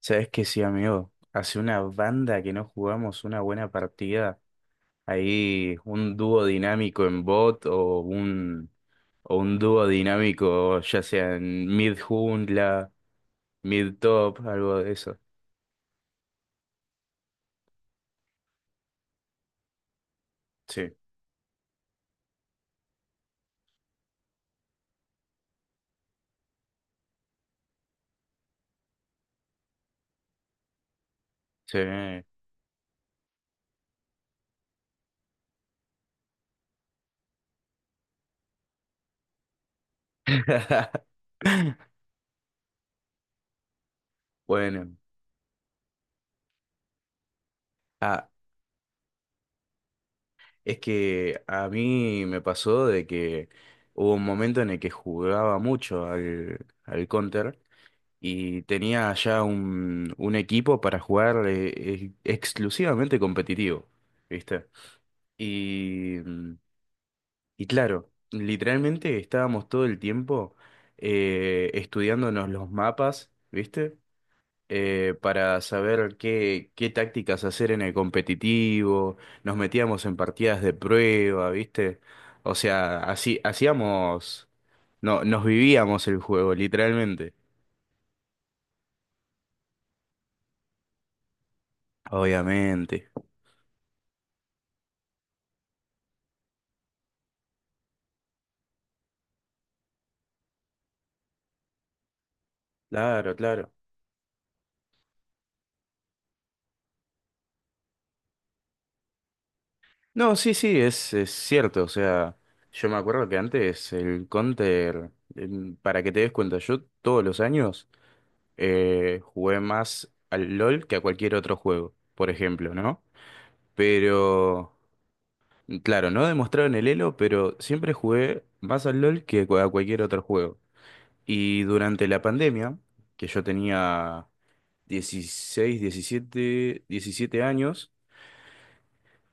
Sabes que sí, amigo. Hace una banda que no jugamos una buena partida. Ahí un dúo dinámico en bot o un dúo dinámico ya sea en mid jungla, mid top, algo de eso. Sí, sí. Bueno, ah, es que a mí me pasó de que hubo un momento en el que jugaba mucho al Counter y tenía ya un equipo para jugar exclusivamente competitivo, ¿viste? Y, mm, y claro, literalmente estábamos todo el tiempo estudiándonos los mapas, ¿viste? Para saber qué tácticas hacer en el competitivo, nos metíamos en partidas de prueba, ¿viste? O sea, así hacíamos, no, nos vivíamos el juego, literalmente. Obviamente. Claro, claro. No, sí, sí, es cierto. O sea, yo me acuerdo que antes el Counter, para que te des cuenta, yo todos los años jugué más al LOL que a cualquier otro juego, por ejemplo, ¿no? Pero, claro, no demostraron el elo, pero siempre jugué más al LOL que a cualquier otro juego. Y durante la pandemia, que yo tenía 16 17 años.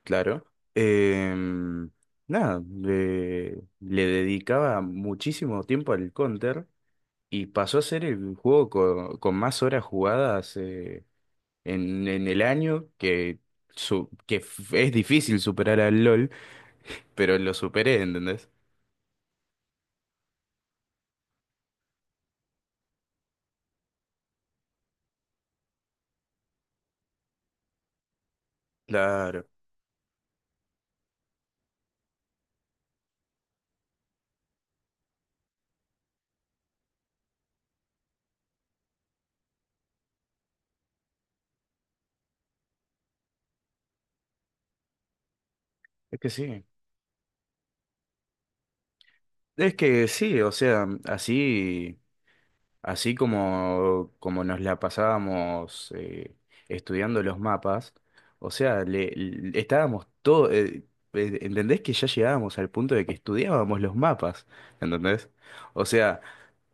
Claro. Em, Nada, le dedicaba muchísimo tiempo al Counter y pasó a ser el juego con más horas jugadas en el año, que es difícil superar al LOL, pero lo superé, ¿entendés? Claro, es que sí. Es que sí, o sea, así. Así como, como nos la pasábamos estudiando los mapas, o sea, estábamos todo, ¿entendés que ya llegábamos al punto de que estudiábamos los mapas? ¿Entendés? O sea,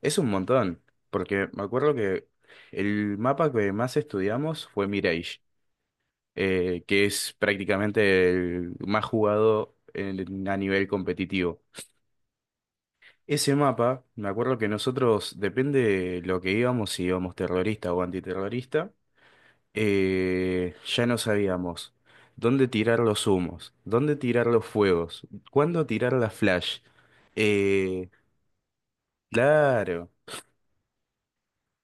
es un montón, porque me acuerdo que el mapa que más estudiamos fue Mirage, que es prácticamente el más jugado a nivel competitivo. Ese mapa, me acuerdo que nosotros, depende de lo que íbamos, si íbamos terrorista o antiterrorista, ya no sabíamos dónde tirar los humos, dónde tirar los fuegos, cuándo tirar la flash. Eh, claro,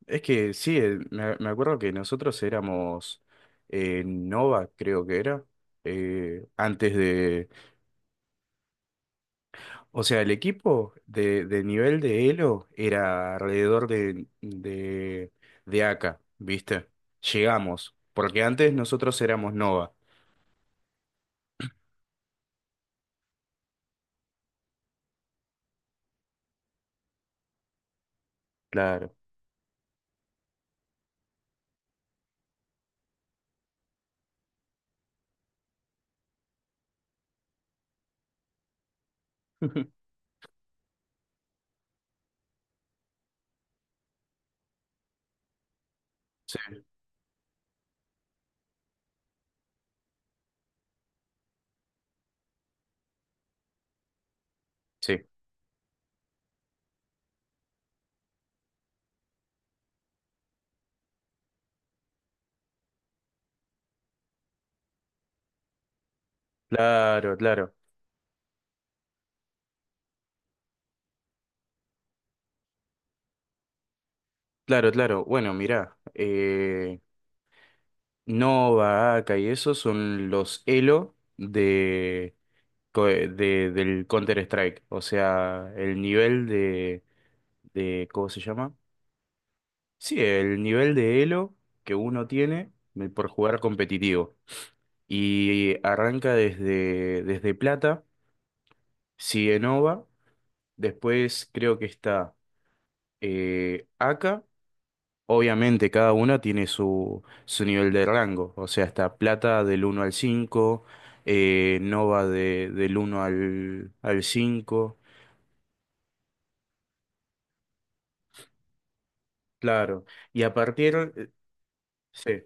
es que sí, me acuerdo que nosotros éramos Nova, creo que era, antes. O sea, el equipo de nivel de Elo era alrededor de AK, ¿viste? Llegamos, porque antes nosotros éramos Nova. Claro. Sí, sí. Claro, claro. Claro, claro. Bueno, mirá, Nova, AK y eso son los Elo co- de- del Counter-Strike. O sea, el nivel de, ¿cómo se llama? Sí, el nivel de elo que uno tiene por jugar competitivo. Y arranca desde plata, sigue Nova, después creo que está Aka. Obviamente cada una tiene su nivel de rango, o sea, está plata del 1 al 5, Nova del uno al 5. Claro. Y a partir... sí.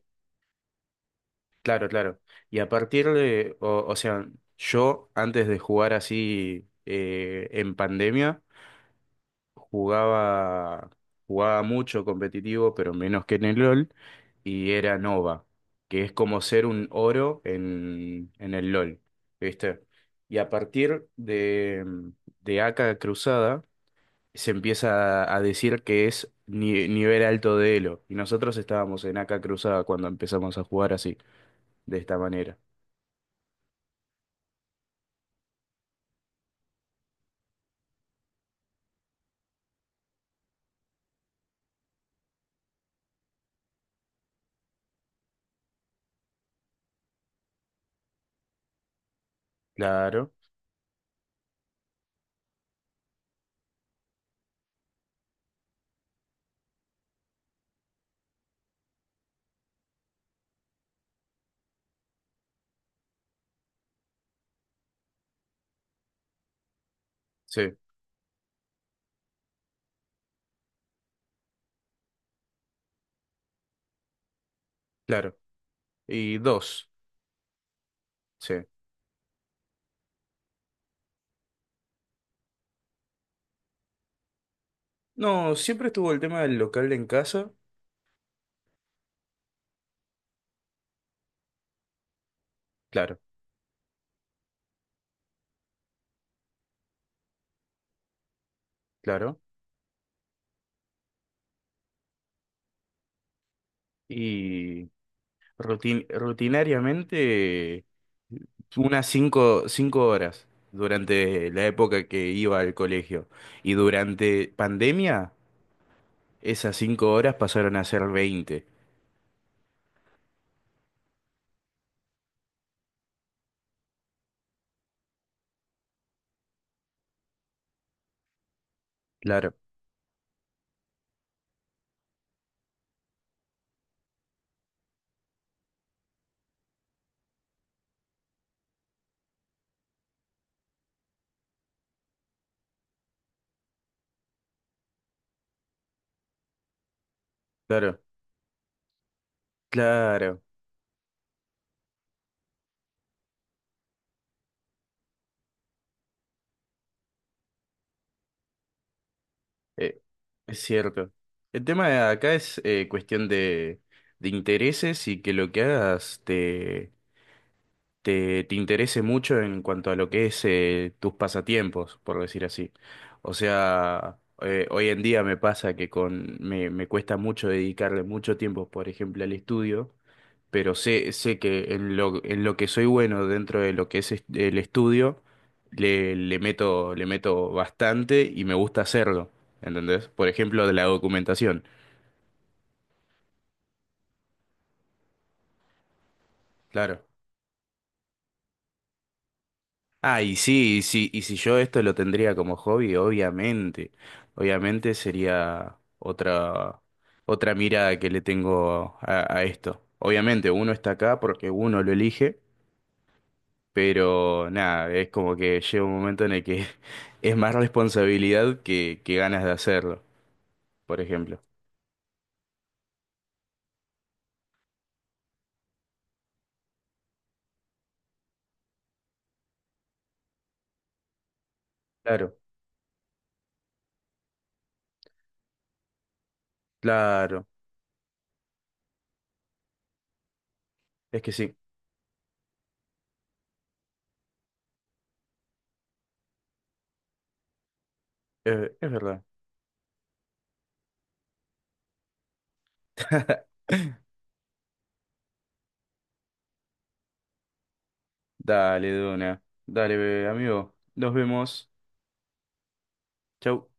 Claro, claro. Y a partir de, o sea, yo antes de jugar así en pandemia, jugaba, jugaba mucho competitivo, pero menos que en el LOL, y era Nova, que es como ser un oro en el LOL, ¿viste? Y a partir de AK Cruzada, se empieza a decir que es nivel alto de Elo, y nosotros estábamos en AK Cruzada cuando empezamos a jugar así, de esta manera. Claro, sí, claro. Y dos, sí. No, siempre estuvo el tema del local en casa, claro, claro. Y rutinariamente unas cinco horas durante la época que iba al colegio. Y durante pandemia, esas 5 horas pasaron a ser 20. Claro, claro, claro. Eh, es cierto. El tema de acá es cuestión de intereses y que lo que hagas te interese mucho en cuanto a lo que es tus pasatiempos, por decir así. O sea, hoy en día me pasa que me cuesta mucho dedicarle mucho tiempo, por ejemplo, al estudio, pero sé que en lo que soy bueno dentro de lo que es el estudio, le meto bastante y me gusta hacerlo, ¿entendés? Por ejemplo, de la documentación, claro. Ah, y sí, y sí, y si yo esto lo tendría como hobby, obviamente, obviamente sería otra mirada que le tengo a esto. Obviamente, uno está acá porque uno lo elige. Pero nada, es como que llega un momento en el que es más responsabilidad que ganas de hacerlo, por ejemplo. Claro, claro, es que sí, es verdad. Dale, Dona, dale, amigo, nos vemos. Chau.